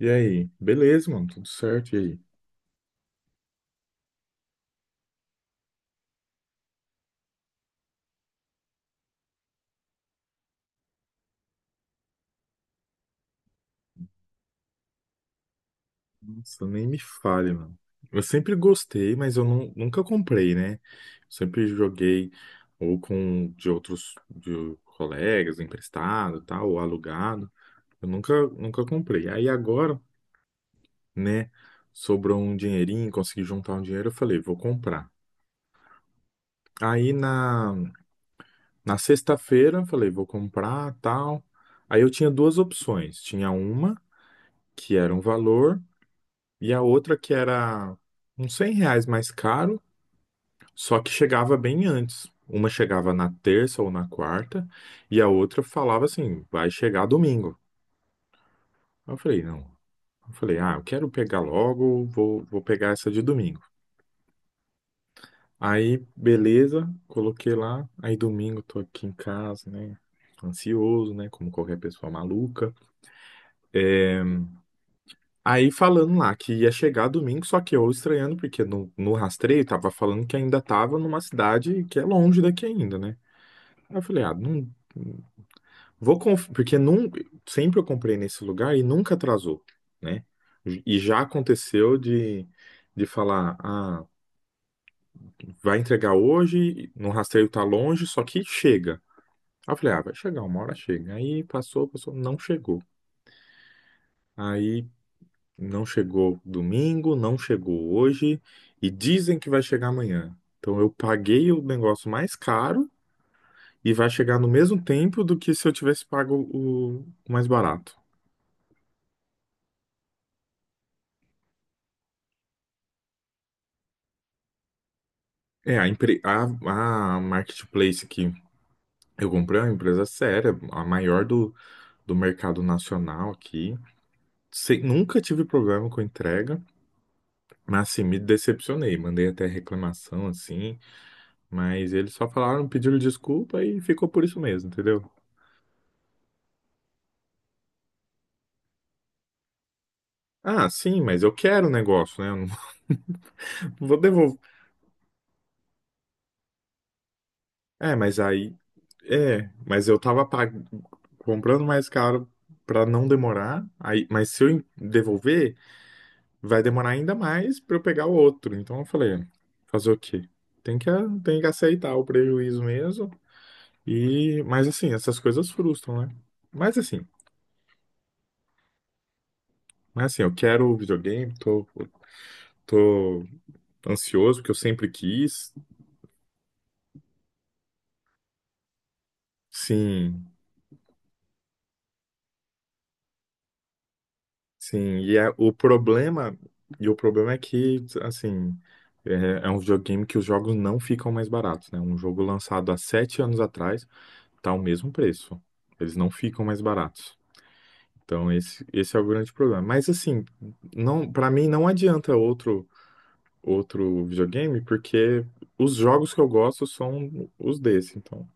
E aí? Beleza, mano, tudo certo. E aí? Nossa, nem me fale, mano. Eu sempre gostei, mas eu nunca comprei, né? Sempre joguei ou com de outros de colegas, emprestado, tal, ou alugado. Eu nunca, nunca comprei. Aí agora, né, sobrou um dinheirinho, consegui juntar um dinheiro, eu falei, vou comprar. Aí na sexta-feira, eu falei, vou comprar, tal. Aí eu tinha duas opções. Tinha uma que era um valor. E a outra que era uns 100 reais mais caro, só que chegava bem antes. Uma chegava na terça ou na quarta, e a outra falava assim, vai chegar domingo. Eu falei, não. Eu falei, ah, eu quero pegar logo, vou pegar essa de domingo. Aí, beleza, coloquei lá. Aí domingo tô aqui em casa, né? Ansioso, né? Como qualquer pessoa maluca. Aí falando lá que ia chegar domingo, só que eu estranhando, porque no rastreio tava falando que ainda tava numa cidade que é longe daqui ainda, né? Aí eu falei, ah, não porque sempre eu comprei nesse lugar e nunca atrasou, né? E já aconteceu de falar, ah, vai entregar hoje, no rastreio tá longe, só que chega. Aí eu falei, ah, vai chegar, uma hora chega. Aí passou, passou, não chegou. Aí, não chegou domingo, não chegou hoje e dizem que vai chegar amanhã. Então eu paguei o negócio mais caro e vai chegar no mesmo tempo do que se eu tivesse pago o mais barato. É, a marketplace que eu comprei é uma empresa séria, a maior do mercado nacional aqui. Nunca tive problema com entrega, mas assim, me decepcionei. Mandei até reclamação, assim, mas eles só falaram, pediram desculpa e ficou por isso mesmo, entendeu? Ah, sim, mas eu quero o negócio, né? Eu não não vou devolver. É, mas aí. É, mas eu tava comprando mais caro pra não demorar. Aí, mas se eu devolver, vai demorar ainda mais pra eu pegar o outro. Então eu falei, fazer o quê? Tem que aceitar o prejuízo mesmo. E, mas assim, essas coisas frustram, né? Mas assim, mas assim, eu quero o videogame, tô ansioso porque eu sempre quis. Sim. Sim, e o problema é que, assim, é, é um videogame que os jogos não ficam mais baratos, né? Um jogo lançado há 7 anos atrás tá o mesmo preço. Eles não ficam mais baratos. Então esse é o grande problema. Mas assim, não, para mim não adianta outro videogame, porque os jogos que eu gosto são os desse, então.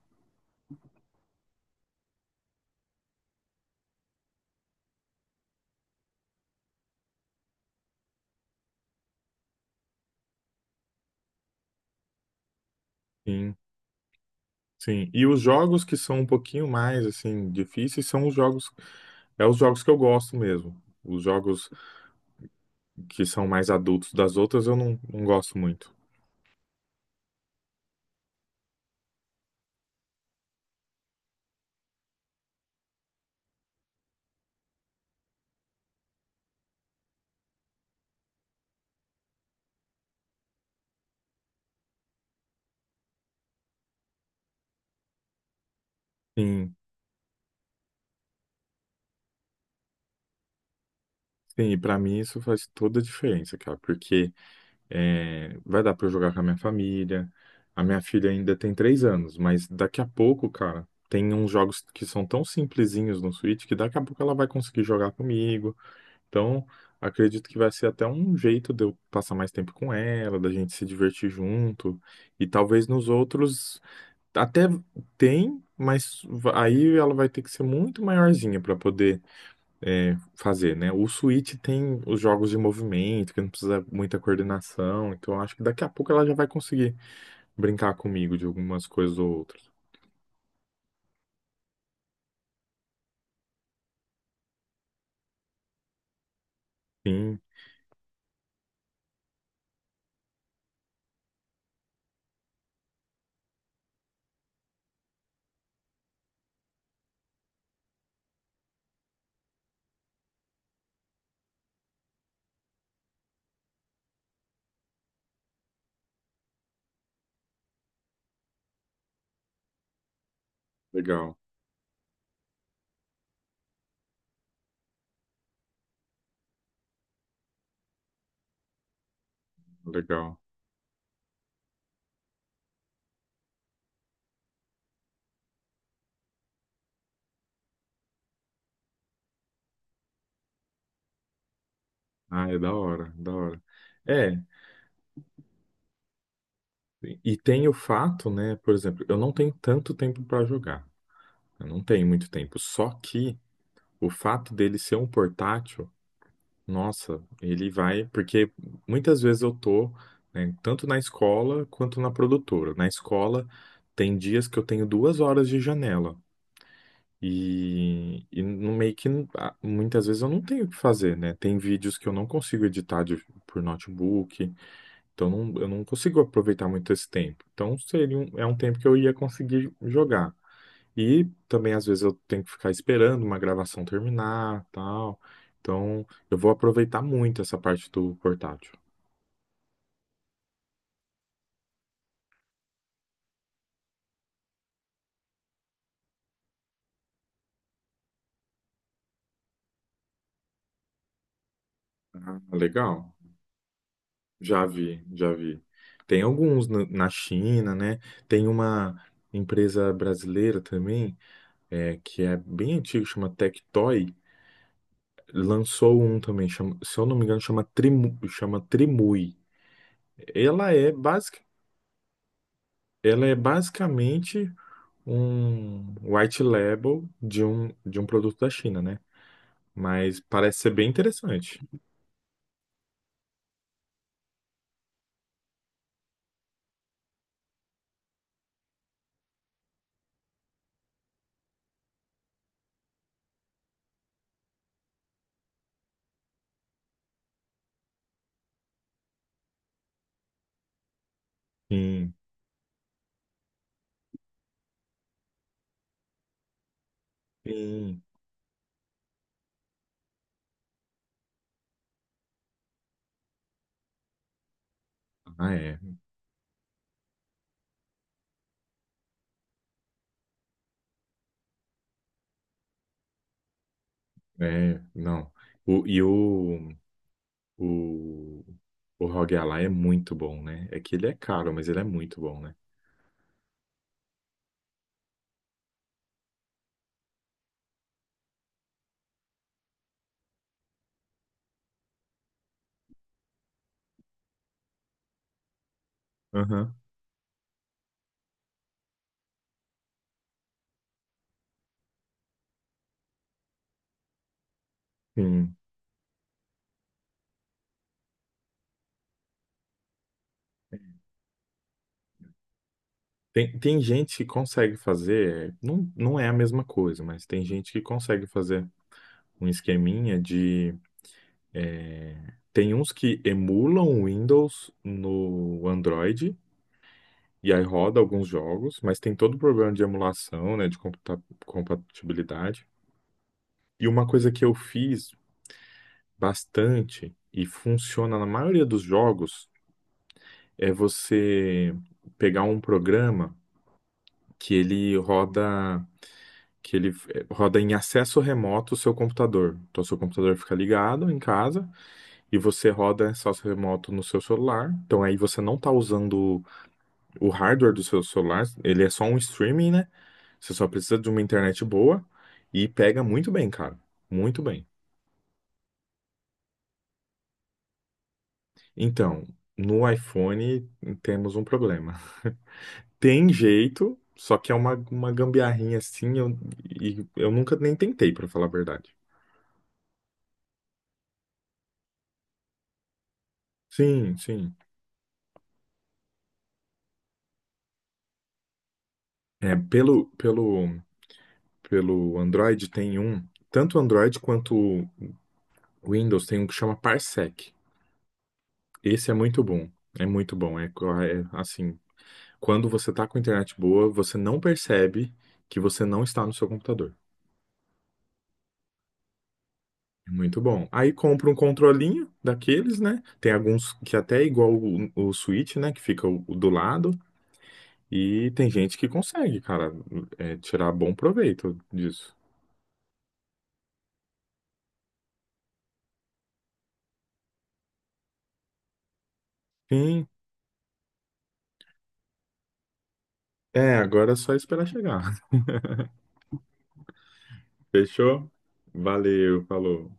Sim, e os jogos que são um pouquinho mais assim difíceis são os jogos que eu gosto mesmo. Os jogos que são mais adultos das outras eu não gosto muito. Sim, sim, e para mim isso faz toda a diferença, cara, porque é, vai dar para eu jogar com a minha família. A minha filha ainda tem 3 anos, mas daqui a pouco, cara, tem uns jogos que são tão simplesinhos no Switch que daqui a pouco ela vai conseguir jogar comigo. Então, acredito que vai ser até um jeito de eu passar mais tempo com ela, da gente se divertir junto. E talvez nos outros até tem, mas aí ela vai ter que ser muito maiorzinha para poder é, fazer, né? O Switch tem os jogos de movimento, que não precisa muita coordenação. Então, eu acho que daqui a pouco ela já vai conseguir brincar comigo de algumas coisas ou outras. Sim, legal, legal. Ah, é da hora, da hora. É. E tem o fato, né? Por exemplo, eu não tenho tanto tempo para jogar. Eu não tenho muito tempo. Só que o fato dele ser um portátil, nossa, ele vai. Porque muitas vezes eu tô, né, tanto na escola quanto na produtora. Na escola, tem dias que eu tenho 2 horas de janela. E no meio que ah, muitas vezes eu não tenho o que fazer, né? Tem vídeos que eu não consigo editar por notebook. Então não, eu não consigo aproveitar muito esse tempo. Então seria um, é um tempo que eu ia conseguir jogar. E também às vezes eu tenho que ficar esperando uma gravação terminar, tal. Então eu vou aproveitar muito essa parte do portátil. Ah, legal. Já vi, já vi. Tem alguns na China, né? Tem uma empresa brasileira também, é, que é bem antiga, chama Tectoy. Lançou um também, chama- se eu não me engano, chama Trimu, chama Trimui. Ela é basic, Ela é basicamente um white label de um produto da China, né? Mas parece ser bem interessante. Sim, sim. Ah, é. É, não. O. E o, o Rogue Ally é muito bom, né? É que ele é caro, mas ele é muito bom, né? Aham. Sim. Tem gente que consegue fazer, não, não é a mesma coisa, mas tem gente que consegue fazer um esqueminha de... Tem uns que emulam o Windows no Android e aí roda alguns jogos, mas tem todo o problema de emulação, né, de compatibilidade. E uma coisa que eu fiz bastante e funciona na maioria dos jogos é você pegar um programa que ele roda que ele roda em acesso remoto o seu computador. Então, seu computador fica ligado em casa e você roda acesso remoto no seu celular. Então, aí você não está usando o hardware do seu celular, ele é só um streaming, né? Você só precisa de uma internet boa e pega muito bem, cara. Muito bem. Então, no iPhone temos um problema. Tem jeito, só que é uma gambiarrinha assim, eu, e eu nunca nem tentei, pra falar a verdade. Sim, sim. É, pelo Android tem um, tanto o Android quanto o Windows tem um que chama Parsec. Esse é muito bom. É muito bom. É, assim, quando você tá com internet boa, você não percebe que você não está no seu computador. É muito bom. Aí compra um controlinho daqueles, né? Tem alguns que até é igual o Switch, né? Que fica o do lado. E tem gente que consegue, cara, é, tirar bom proveito disso. Sim, é, agora é só esperar chegar. Fechou? Valeu, falou.